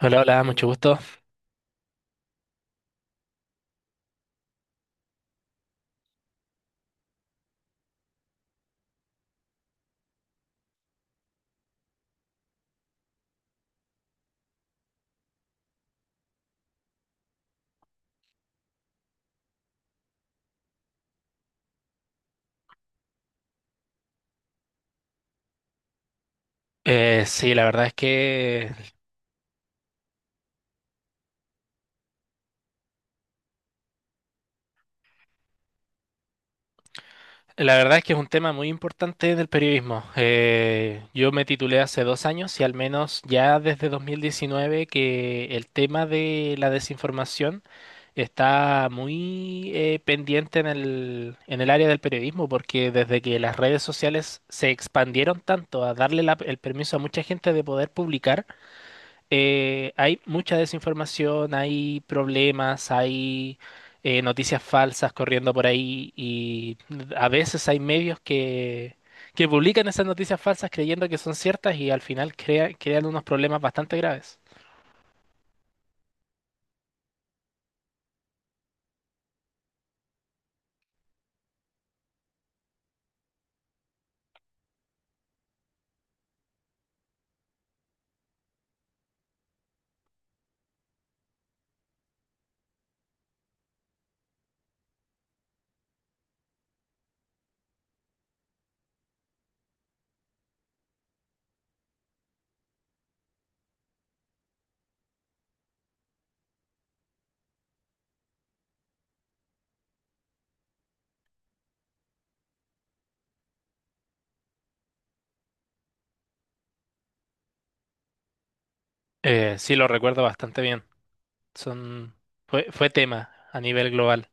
Hola, hola, mucho gusto. Sí, la verdad es que es un tema muy importante del periodismo. Yo me titulé hace dos años y al menos ya desde 2019 que el tema de la desinformación está muy pendiente en el área del periodismo porque desde que las redes sociales se expandieron tanto a darle el permiso a mucha gente de poder publicar, hay mucha desinformación, hay problemas, hay noticias falsas corriendo por ahí y a veces hay medios que publican esas noticias falsas creyendo que son ciertas y al final crean unos problemas bastante graves. Sí, lo recuerdo bastante bien. Son, fue tema a nivel global.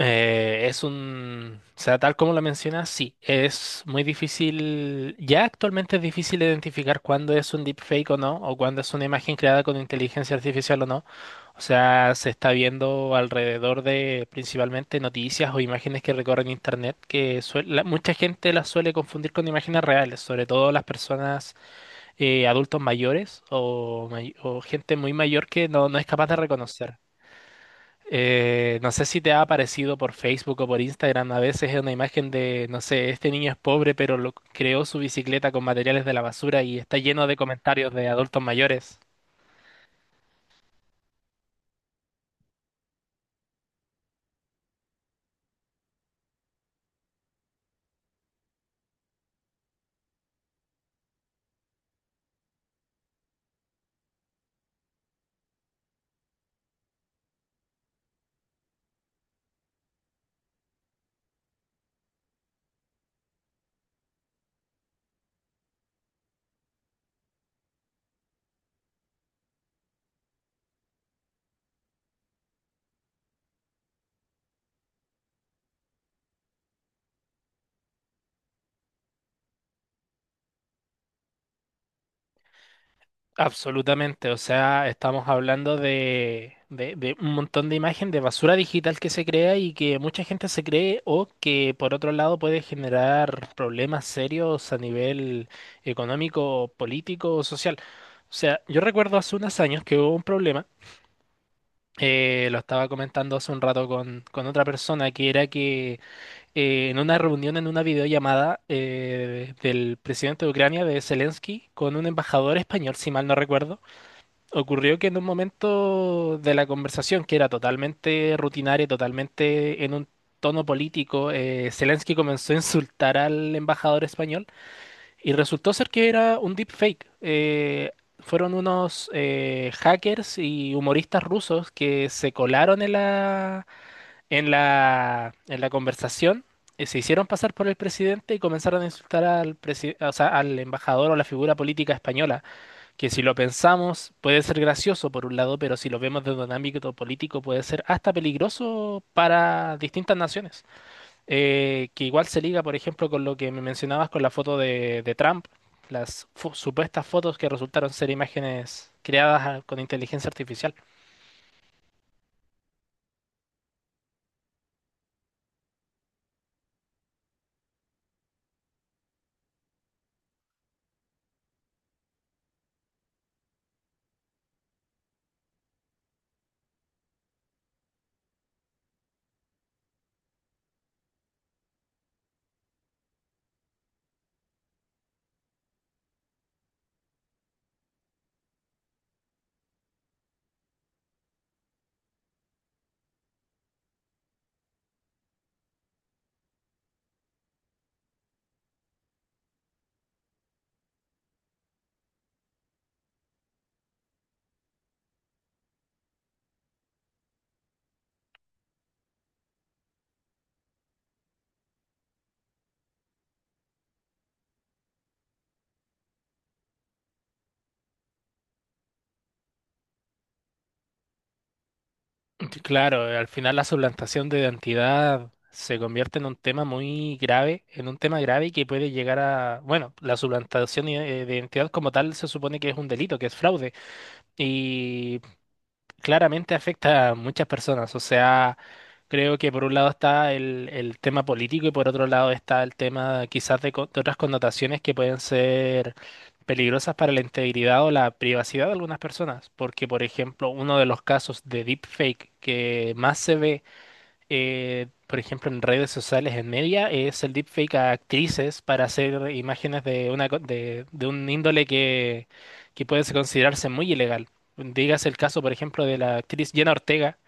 O sea, tal como lo mencionas, sí, es muy difícil, ya actualmente es difícil identificar cuándo es un deepfake o no, o cuándo es una imagen creada con inteligencia artificial o no. O sea, se está viendo alrededor de principalmente noticias o imágenes que recorren internet, que mucha gente las suele confundir con imágenes reales, sobre todo las personas adultos mayores o o gente muy mayor que no es capaz de reconocer. No sé si te ha aparecido por Facebook o por Instagram, a veces es una imagen de, no sé, este niño es pobre, pero creó su bicicleta con materiales de la basura y está lleno de comentarios de adultos mayores. Absolutamente, o sea, estamos hablando de un montón de imagen de basura digital que se crea y que mucha gente se cree o que por otro lado puede generar problemas serios a nivel económico, político o social. O sea, yo recuerdo hace unos años que hubo un problema, lo estaba comentando hace un rato con otra persona, que era que en una reunión, en una videollamada del presidente de Ucrania, de Zelensky, con un embajador español, si mal no recuerdo, ocurrió que en un momento de la conversación, que era totalmente rutinaria, totalmente en un tono político, Zelensky comenzó a insultar al embajador español y resultó ser que era un deepfake. Fueron unos hackers y humoristas rusos que se colaron en la conversación. Se hicieron pasar por el presidente y comenzaron a insultar o sea, al embajador o la figura política española, que si lo pensamos puede ser gracioso por un lado, pero si lo vemos desde un ámbito político puede ser hasta peligroso para distintas naciones, que igual se liga, por ejemplo, con lo que me mencionabas con la foto de Trump, supuestas fotos que resultaron ser imágenes creadas con inteligencia artificial. Claro, al final la suplantación de identidad se convierte en un tema muy grave, en un tema grave que puede llegar a, bueno, de identidad como tal se supone que es un delito, que es fraude, y claramente afecta a muchas personas. O sea, creo que por un lado está el tema político y por otro lado está el tema quizás de otras connotaciones que pueden ser peligrosas para la integridad o la privacidad de algunas personas. Porque, por ejemplo, uno de los casos de deepfake que más se ve, por ejemplo, en redes sociales, en media, es el deepfake a actrices para hacer imágenes de de un índole que puede considerarse muy ilegal. Dígase el caso, por ejemplo, de la actriz Jenna Ortega,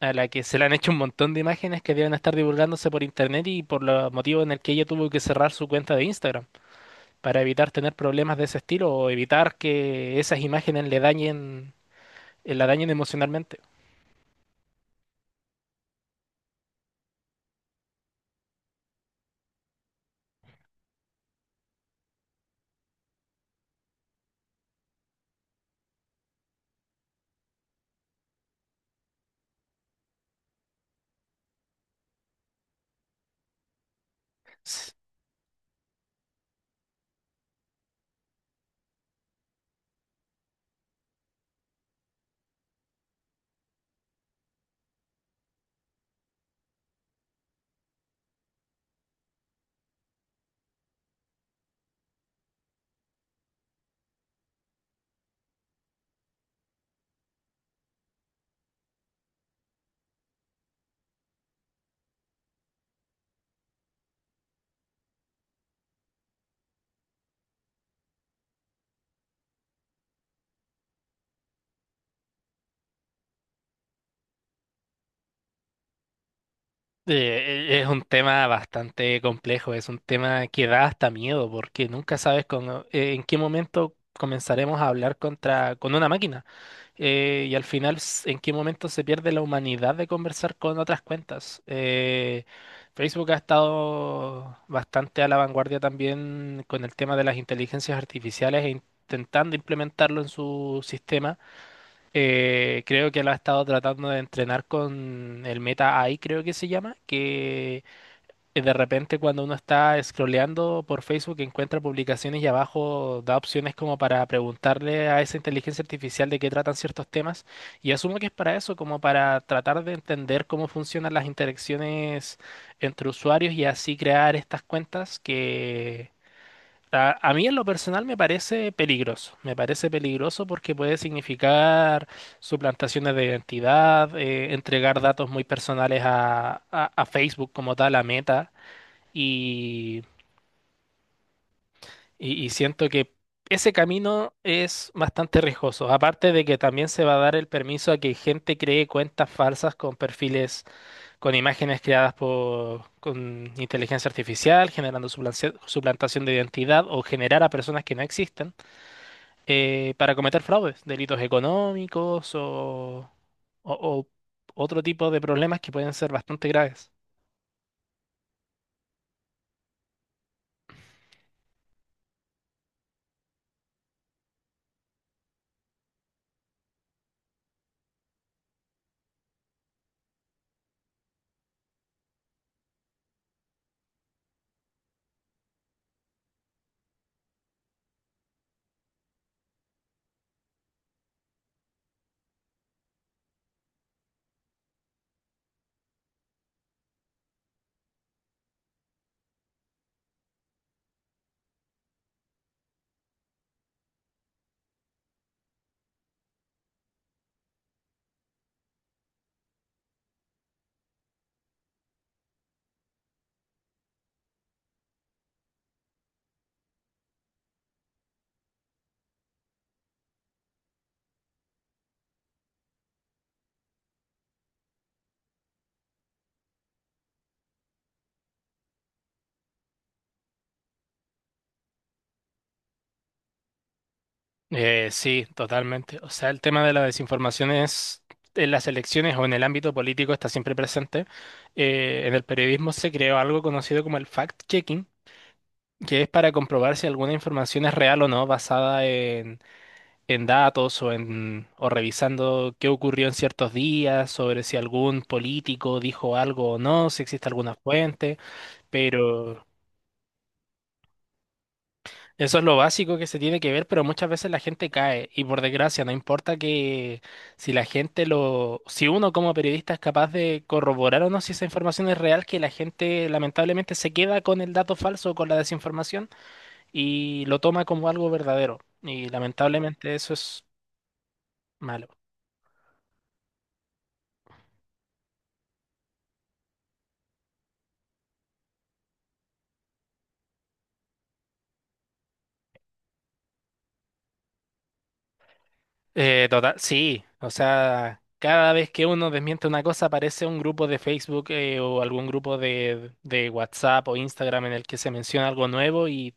a la que se le han hecho un montón de imágenes que deben estar divulgándose por internet y por los motivos en el que ella tuvo que cerrar su cuenta de Instagram para evitar tener problemas de ese estilo o evitar que esas imágenes le dañen, la dañen emocionalmente. Es un tema bastante complejo, es un tema que da hasta miedo porque nunca sabes en qué momento comenzaremos a hablar con una máquina y al final en qué momento se pierde la humanidad de conversar con otras cuentas. Facebook ha estado bastante a la vanguardia también con el tema de las inteligencias artificiales e intentando implementarlo en su sistema. Creo que lo ha estado tratando de entrenar con el Meta AI, creo que se llama, que de repente cuando uno está scrolleando por Facebook encuentra publicaciones y abajo da opciones como para preguntarle a esa inteligencia artificial de qué tratan ciertos temas. Y asumo que es para eso, como para tratar de entender cómo funcionan las interacciones entre usuarios y así crear estas cuentas que a mí en lo personal me parece peligroso porque puede significar suplantaciones de identidad, entregar datos muy personales a Facebook como tal, a Meta, y, y siento que ese camino es bastante riesgoso, aparte de que también se va a dar el permiso a que gente cree cuentas falsas con perfiles, con imágenes creadas con inteligencia artificial, generando suplantación de identidad o generar a personas que no existen. Para cometer fraudes, delitos económicos o- o otro tipo de problemas que pueden ser bastante graves. Sí, totalmente. O sea, el tema de la desinformación es, en las elecciones o en el ámbito político está siempre presente. En el periodismo se creó algo conocido como el fact-checking, que es para comprobar si alguna información es real o no, basada en datos o en o revisando qué ocurrió en ciertos días, sobre si algún político dijo algo o no, si existe alguna fuente, pero eso es lo básico que se tiene que ver, pero muchas veces la gente cae y por desgracia no importa que si la gente lo si uno como periodista es capaz de corroborar o no si esa información es real, que la gente lamentablemente se queda con el dato falso o con la desinformación y lo toma como algo verdadero y lamentablemente eso es malo. Total, sí, o sea, cada vez que uno desmiente una cosa aparece un grupo de Facebook, o algún grupo de WhatsApp o Instagram en el que se menciona algo nuevo y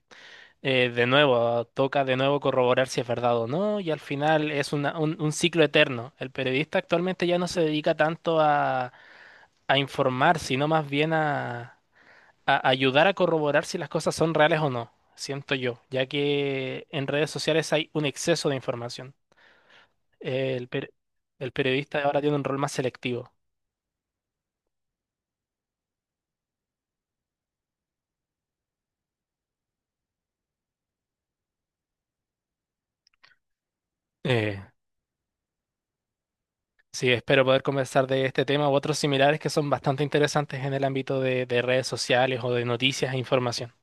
de nuevo toca de nuevo corroborar si es verdad o no y al final es un ciclo eterno. El periodista actualmente ya no se dedica tanto a informar, sino más bien a ayudar a corroborar si las cosas son reales o no, siento yo, ya que en redes sociales hay un exceso de información. Eh, el, per- el periodista ahora tiene un rol más selectivo. Eh, sí, espero poder conversar de este tema u otros similares que son bastante interesantes en el ámbito de redes sociales o de noticias e información.